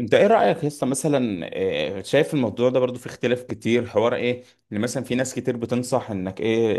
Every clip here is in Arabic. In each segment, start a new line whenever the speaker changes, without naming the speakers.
انت ايه رايك يا اسطى مثلا، شايف الموضوع ده برضو في اختلاف كتير. حوار ايه اللي مثلا في ناس كتير بتنصح انك ايه؟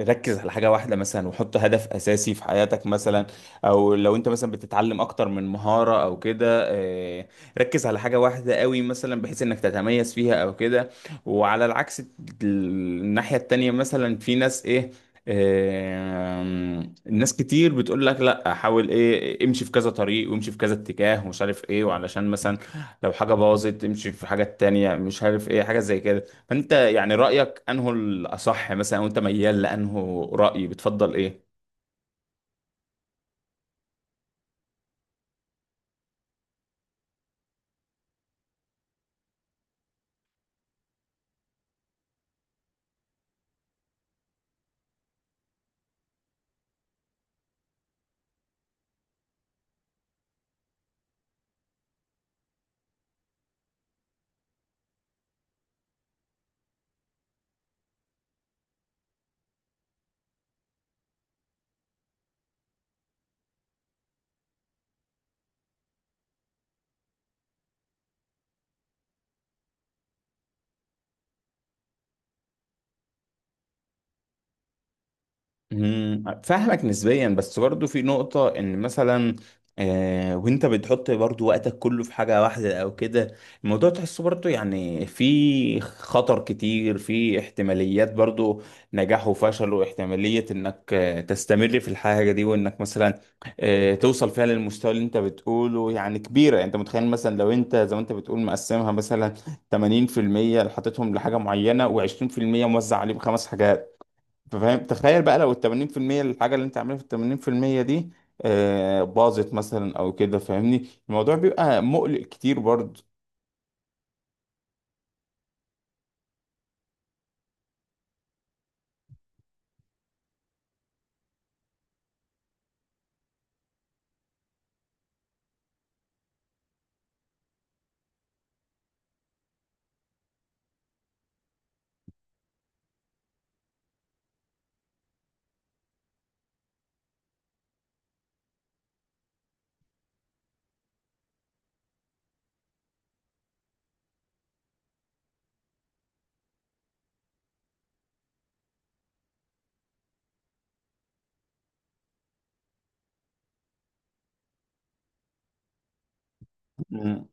ركز على حاجه واحده مثلا، وحط هدف اساسي في حياتك مثلا. او لو انت مثلا بتتعلم اكتر من مهاره او كده، آه، ركز على حاجه واحده قوي مثلا بحيث انك تتميز فيها او كده. وعلى العكس الناحية التانية مثلا في ناس ايه، الناس كتير بتقول لك لا، حاول ايه، امشي في كذا طريق، وامشي في كذا اتجاه ومش عارف ايه، وعلشان مثلا لو حاجة باظت امشي في حاجة تانية مش عارف ايه حاجة زي كده. فانت يعني رأيك انه الاصح مثلا، وانت ميال لانه رأي بتفضل ايه؟ فاهمك نسبيا، بس برضو في نقطة ان مثلا وانت بتحط برضو وقتك كله في حاجة واحدة او كده، الموضوع تحسه برضو يعني في خطر كتير، في احتماليات برضو نجاح وفشل، واحتمالية انك تستمر في الحاجة دي، وانك مثلا توصل فيها للمستوى اللي انت بتقوله يعني كبيرة. يعني انت متخيل مثلا لو انت زي ما انت بتقول مقسمها مثلا 80% اللي حاططهم لحاجة معينة و20% موزع عليهم خمس حاجات، فاهم؟ تخيل بقى لو ال 80% الحاجة اللي انت عاملها في ال 80% دي باظت مثلا او كده، فاهمني؟ الموضوع بيبقى مقلق كتير برضه. مم.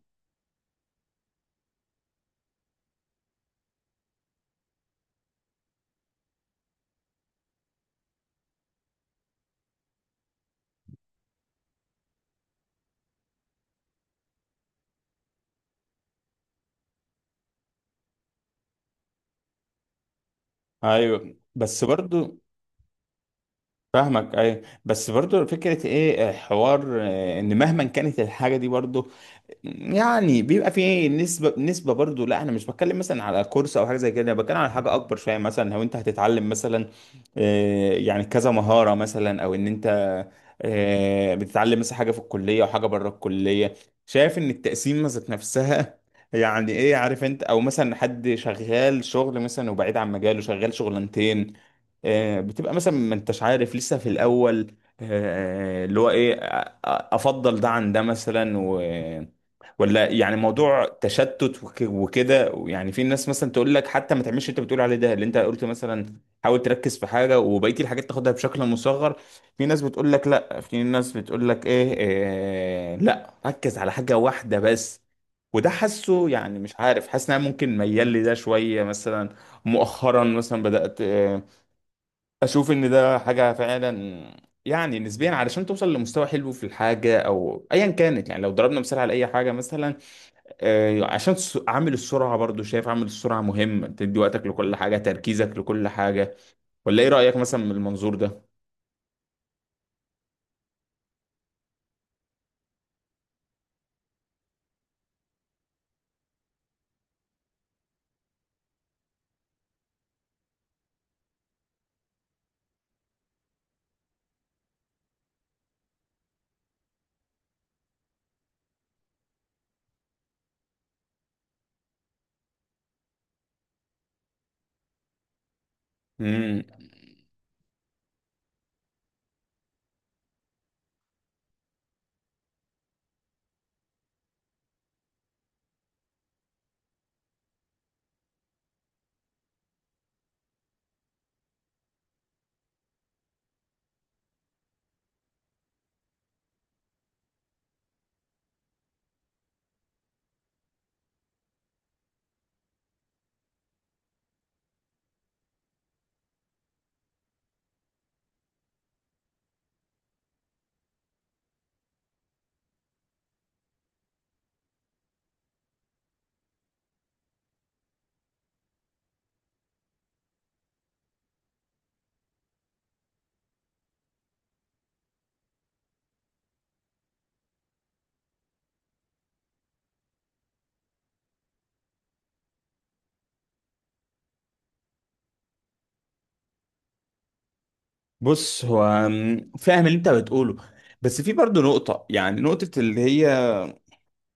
ايوه بس برضو فاهمك. ايوه بس برضو فكره ايه، حوار، ان مهما كانت الحاجه دي برضو يعني بيبقى في نسبة برضو. لا، انا مش بتكلم مثلا على كورس او حاجة زي كده، انا بتكلم على حاجة اكبر شوية. مثلا لو انت هتتعلم مثلا يعني كذا مهارة مثلا، او ان انت بتتعلم مثلا حاجة في الكلية وحاجة بره الكلية. شايف ان التقسيم ذات نفسها يعني ايه، عارف انت؟ او مثلا حد شغال شغل مثلا وبعيد عن مجاله، شغال شغلانتين، بتبقى مثلا ما انتش عارف لسه في الاول اللي هو ايه، افضل ده عن ده مثلا، ولا يعني موضوع تشتت وكده. يعني في ناس مثلا تقول لك حتى ما تعملش اللي انت بتقول عليه ده، اللي انت قلت مثلا حاول تركز في حاجه وبقيه الحاجات تاخدها بشكل مصغر. في ناس بتقول لك لا، في ناس بتقول لك ايه, إيه، لا ركز على حاجه واحده بس. وده حاسه يعني مش عارف، حاسس ان انا ممكن ميال لي ده شويه مثلا، مؤخرا مثلا بدات اشوف ان ده حاجه فعلا. يعني نسبيا علشان توصل لمستوى حلو في الحاجه او ايا كانت، يعني لو ضربنا مثال على اي حاجه مثلا، عشان عامل السرعة برضو. شايف عامل السرعة مهم، تدي وقتك لكل حاجة، تركيزك لكل حاجة، ولا ايه رأيك مثلا من المنظور ده؟ مم. بص، هو فاهم اللي انت بتقوله، بس في برضو نقطة، يعني نقطة اللي هي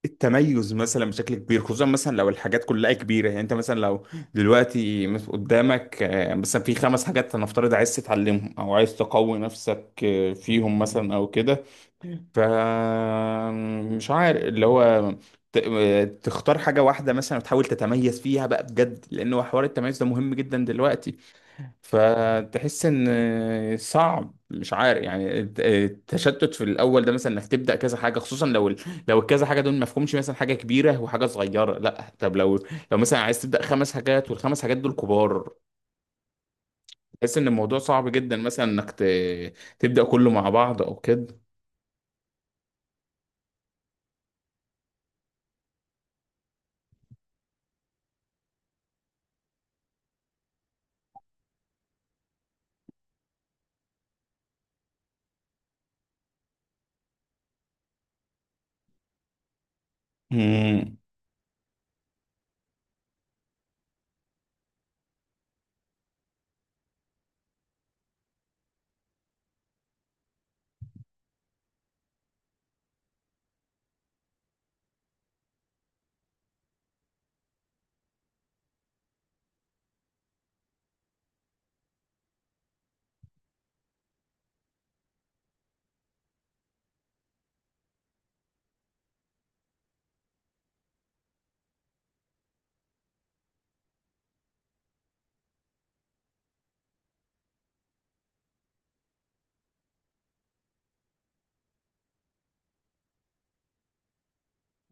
التميز مثلا بشكل كبير، خصوصا مثلا لو الحاجات كلها كبيرة. يعني انت مثلا لو دلوقتي قدامك مثلا في خمس حاجات هنفترض عايز تتعلمهم، او عايز تقوي نفسك فيهم مثلا او كده، فمش عارف اللي هو ت- تختار حاجة واحدة مثلا وتحاول تتميز فيها بقى بجد، لأن هو حوار التميز ده مهم جدا دلوقتي. فتحس إن صعب، مش عارف يعني التشتت في الأول ده مثلا، إنك تبدأ كذا حاجة، خصوصا لو لو الكذا حاجة دول مفهومش مثلا حاجة كبيرة وحاجة صغيرة. لا طب لو مثلا عايز تبدأ خمس حاجات والخمس حاجات دول كبار، تحس إن الموضوع صعب جدا مثلا إنك تبدأ كله مع بعض أو كده. امم.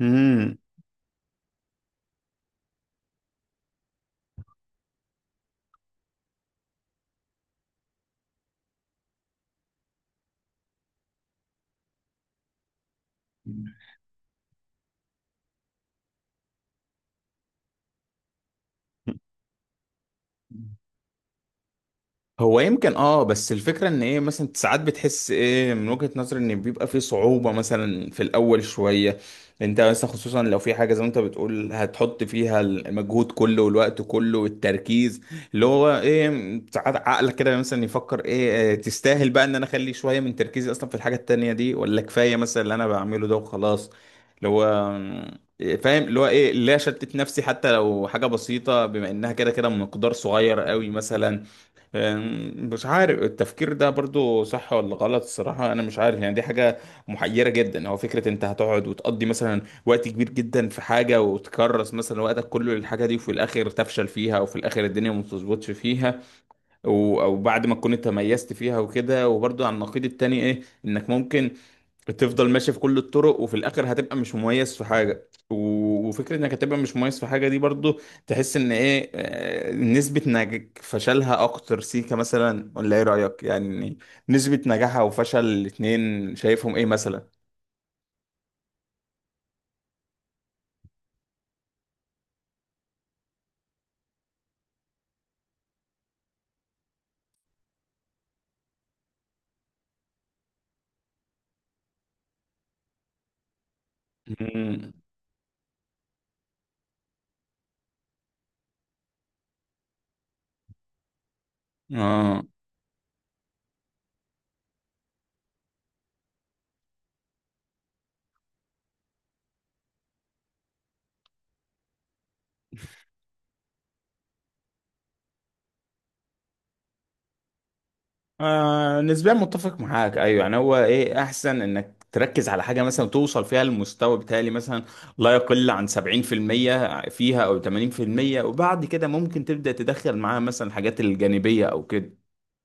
امم. هو يمكن اه، بس الفكرة ان ايه، مثلا ساعات بتحس ايه من وجهة نظري ان بيبقى في صعوبة مثلا في الاول شوية. انت مثلا خصوصا لو في حاجة زي ما انت بتقول هتحط فيها المجهود كله والوقت كله والتركيز، اللي هو ايه، ساعات عقلك كده مثلا يفكر ايه، تستاهل بقى ان انا اخلي شوية من تركيزي اصلا في الحاجة التانية دي، ولا كفاية مثلا اللي انا بعمله ده وخلاص، اللي هو فاهم اللي هو ايه، لا شتت نفسي حتى لو حاجة بسيطة بما انها كده كده مقدار صغير قوي مثلا. مش عارف التفكير ده برضو صح ولا غلط، الصراحة أنا مش عارف. يعني دي حاجة محيرة جدا. هو فكرة أنت هتقعد وتقضي مثلا وقت كبير جدا في حاجة وتكرس مثلا وقتك كله للحاجة دي، وفي الآخر تفشل فيها، وفي الآخر الدنيا ما بتظبطش فيها، أو بعد ما تكون أنت ميزت فيها وكده. وبرضو على النقيض التاني إيه، إنك ممكن تفضل ماشي في كل الطرق وفي الاخر هتبقى مش مميز في حاجه، وفكره انك هتبقى مش مميز في حاجه دي برضو، تحس ان ايه، نسبه فشلها اكتر سيكا مثلا، ولا ايه رايك يعني؟ نسبه نجاحها وفشل الاتنين شايفهم ايه مثلا؟ مم. اه، نسبيا متفق معاك، ايوه. يعني هو ايه احسن انك تركز على حاجه مثلا توصل فيها المستوى بتاعي مثلا لا يقل عن 70% فيها او 80%، وبعد كده ممكن تبدا تدخل معاها مثلا الحاجات الجانبيه او كده